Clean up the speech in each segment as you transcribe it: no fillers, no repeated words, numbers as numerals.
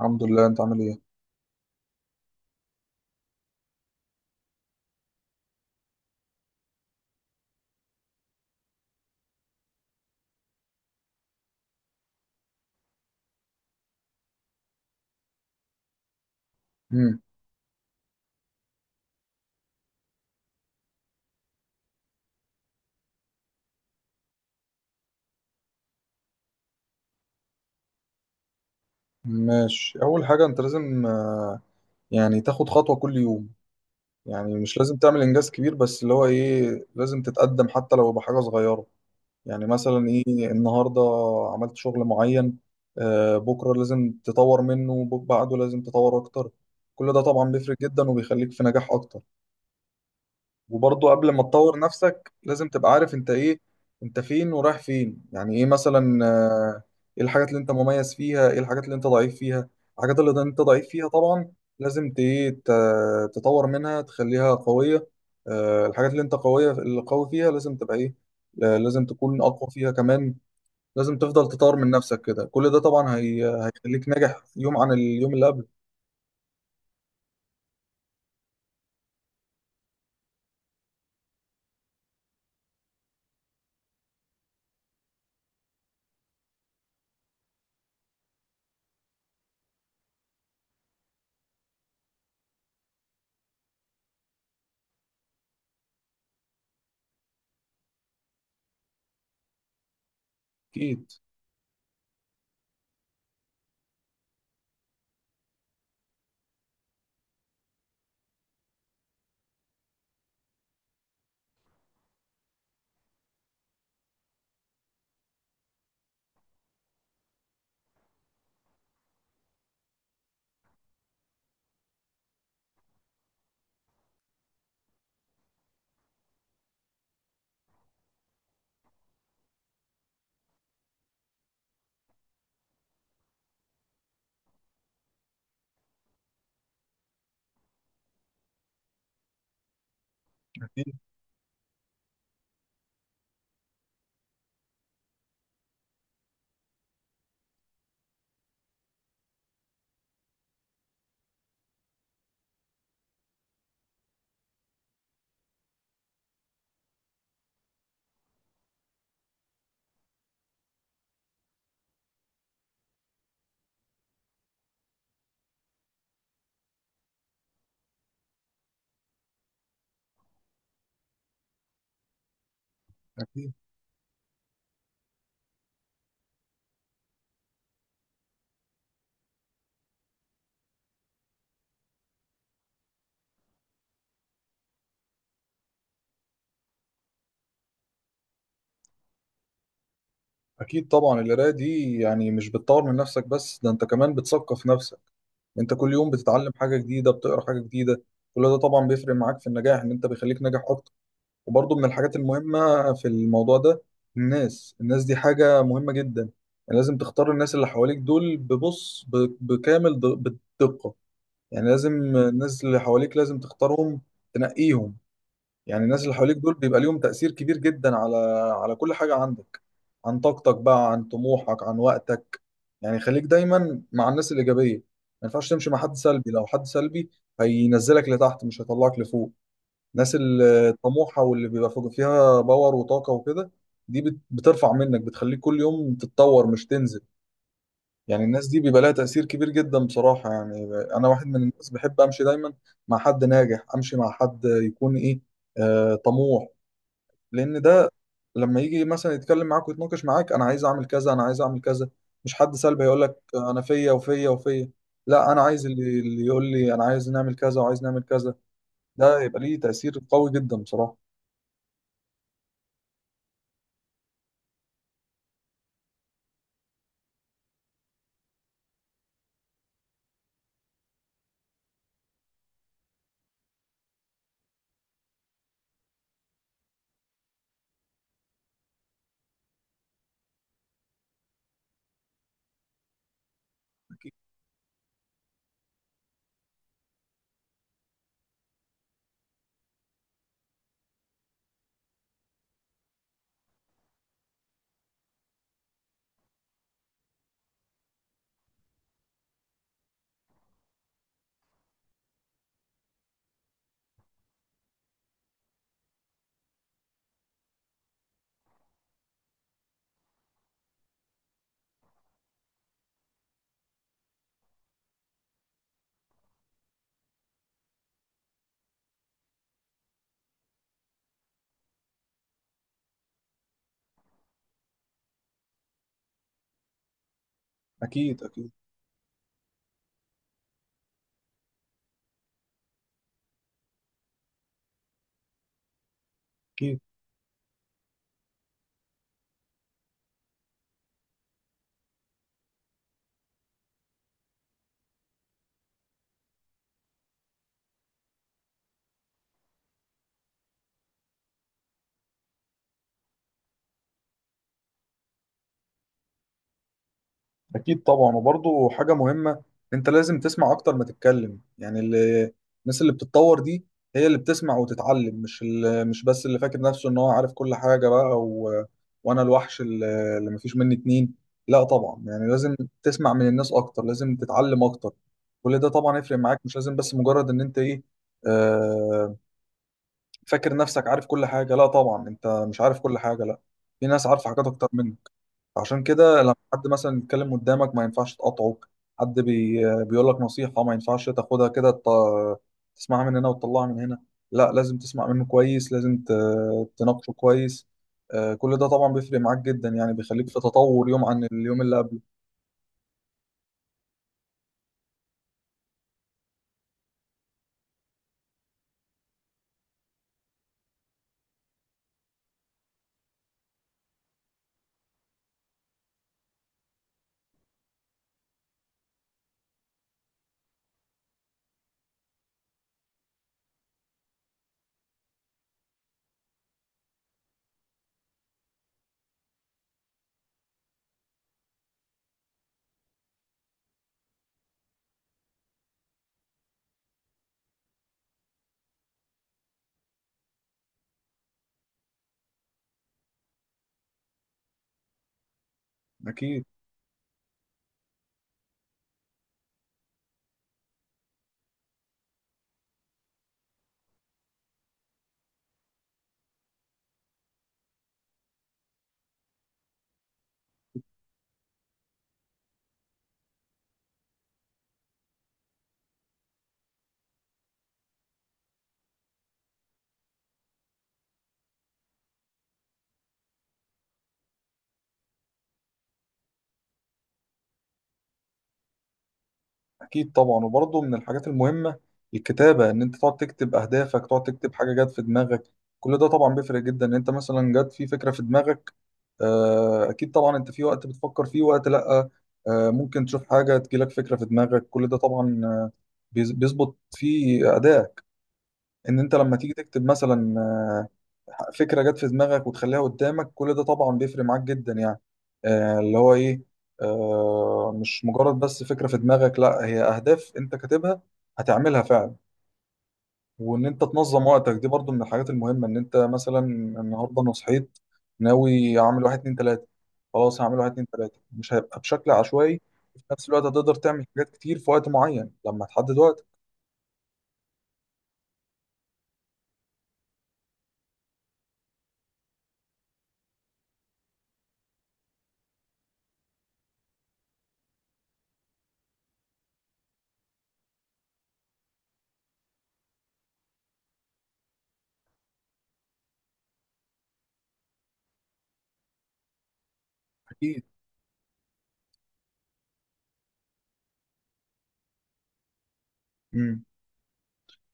الحمد لله، انت عامل ايه؟ امم ماشي، اول حاجه انت لازم يعني تاخد خطوه كل يوم. يعني مش لازم تعمل انجاز كبير، بس اللي هو ايه لازم تتقدم حتى لو بحاجه صغيره. يعني مثلا ايه؟ النهارده عملت شغل معين، بكره لازم تطور منه، وبعده لازم تطور اكتر. كل ده طبعا بيفرق جدا وبيخليك في نجاح اكتر. وبرضه قبل ما تطور نفسك لازم تبقى عارف انت ايه، انت فين ورايح فين. يعني ايه مثلا؟ آه، ايه الحاجات اللي انت مميز فيها، ايه الحاجات اللي انت ضعيف فيها. الحاجات اللي انت ضعيف فيها طبعا لازم تطور منها، تخليها قوية. الحاجات اللي انت قوية، اللي قوي فيها لازم تبقى ايه؟ لازم تكون اقوى فيها كمان. لازم تفضل تطور من نفسك، كده كل ده طبعا هيخليك ناجح يوم عن اليوم اللي قبله. اكيد، اكيد، أكيد. أكيد طبعا، القراية دي يعني مش بتطور من نفسك بس، ده أنت كمان بتثقف نفسك. أنت كل يوم بتتعلم حاجة جديدة، بتقرا حاجة جديدة. كل ده طبعا بيفرق معاك في النجاح، إن أنت بيخليك ناجح أكتر. وبرضه من الحاجات المهمة في الموضوع ده، الناس دي حاجة مهمة جدا. يعني لازم تختار الناس اللي حواليك دول، ببص بالدقة. يعني لازم الناس اللي حواليك لازم تختارهم، تنقيهم. يعني الناس اللي حواليك دول بيبقى ليهم تأثير كبير جدا على، على كل حاجة عندك. عن طاقتك بقى، عن طموحك، عن وقتك. يعني خليك دايما مع الناس الإيجابية. ما ينفعش تمشي مع حد سلبي، لو حد سلبي هينزلك لتحت مش هيطلعك لفوق. الناس الطموحة واللي بيبقى فيها باور وطاقة وكده، دي بترفع منك، بتخليك كل يوم تتطور مش تنزل. يعني الناس دي بيبقى لها تأثير كبير جدا بصراحة يعني. أنا واحد من الناس بحب أمشي دايما مع حد ناجح، أمشي مع حد يكون إيه؟ طموح. لان ده لما يجي مثلا يتكلم معاك ويتناقش معاك، انا عايز اعمل كذا، انا عايز اعمل كذا. مش حد سلبي هيقول لك انا فيا وفيا وفيا. لا، انا عايز اللي يقول لي انا عايز نعمل كذا وعايز نعمل كذا. ده يبقى ليه تأثير قوي جدا بصراحة. اكيد، اكيد، اكيد. أكيد طبعا، وبرضه حاجة مهمة، أنت لازم تسمع أكتر ما تتكلم. يعني اللي، الناس اللي بتتطور دي هي اللي بتسمع وتتعلم، مش بس اللي فاكر نفسه إن هو عارف كل حاجة بقى وأنا الوحش اللي مفيش مني اتنين. لا طبعا، يعني لازم تسمع من الناس أكتر، لازم تتعلم أكتر. كل ده طبعا يفرق معاك، مش لازم بس مجرد إن أنت إيه، آه... فاكر نفسك عارف كل حاجة. لا طبعا، أنت مش عارف كل حاجة، لا، في ناس عارفة حاجات أكتر منك. عشان كده لما حد مثلا يتكلم قدامك ما ينفعش تقاطعه. حد بي بيقول لك نصيحة ما ينفعش تاخدها كده تسمعها من هنا وتطلعها من هنا. لا، لازم تسمع منه كويس، لازم تناقشه كويس. كل ده طبعا بيفرق معاك جدا يعني، بيخليك في تطور يوم عن اليوم اللي قبله. أكيد. أكيد طبعا، وبرضه من الحاجات المهمة الكتابة. إن أنت تقعد تكتب أهدافك، تقعد تكتب حاجة جت في دماغك. كل ده طبعا بيفرق جدا. إن أنت مثلا جت في فكرة في دماغك، أكيد طبعا، أنت في وقت بتفكر فيه، وقت لأ. ممكن تشوف حاجة تجيلك فكرة في دماغك. كل ده طبعا بيظبط في أدائك. إن أنت لما تيجي تكتب مثلا فكره جت في دماغك وتخليها قدامك، كل ده طبعا بيفرق معاك جدا يعني. آه، اللي هو ايه، آه، مش مجرد بس فكره في دماغك، لا هي اهداف انت كاتبها هتعملها فعلا. وان انت تنظم وقتك دي برضو من الحاجات المهمه. ان انت مثلا النهارده انا صحيت ناوي اعمل واحد اتنين تلاته، خلاص هعمل واحد اتنين تلاته، مش هيبقى بشكل عشوائي. وفي نفس الوقت هتقدر تعمل حاجات كتير في وقت معين لما تحدد وقت. اكيد. مم.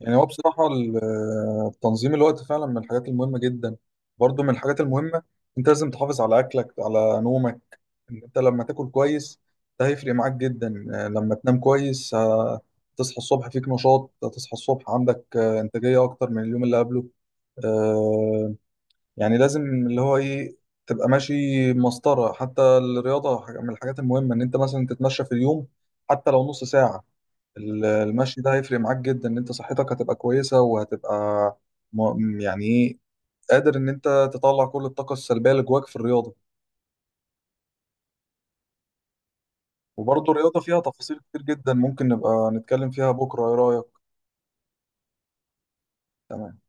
يعني هو بصراحة تنظيم الوقت فعلا من الحاجات المهمة جدا. برضو من الحاجات المهمة، انت لازم تحافظ على اكلك، على نومك. ان انت لما تاكل كويس ده هيفرق معاك جدا. لما تنام كويس تصحى الصبح فيك نشاط، تصحى الصبح عندك انتاجية اكتر من اليوم اللي قبله. آه، يعني لازم اللي هو ايه، تبقى ماشي مسطرة. حتى الرياضة من الحاجات المهمة، ان انت مثلا تتمشى في اليوم حتى لو ½ ساعة. المشي ده هيفرق معاك جدا، ان انت صحتك هتبقى كويسة، وهتبقى يعني ايه، قادر ان انت تطلع كل الطاقة السلبية اللي جواك في الرياضة. وبرضه الرياضة فيها تفاصيل كتير جدا، ممكن نبقى نتكلم فيها بكرة، ايه رأيك؟ تمام.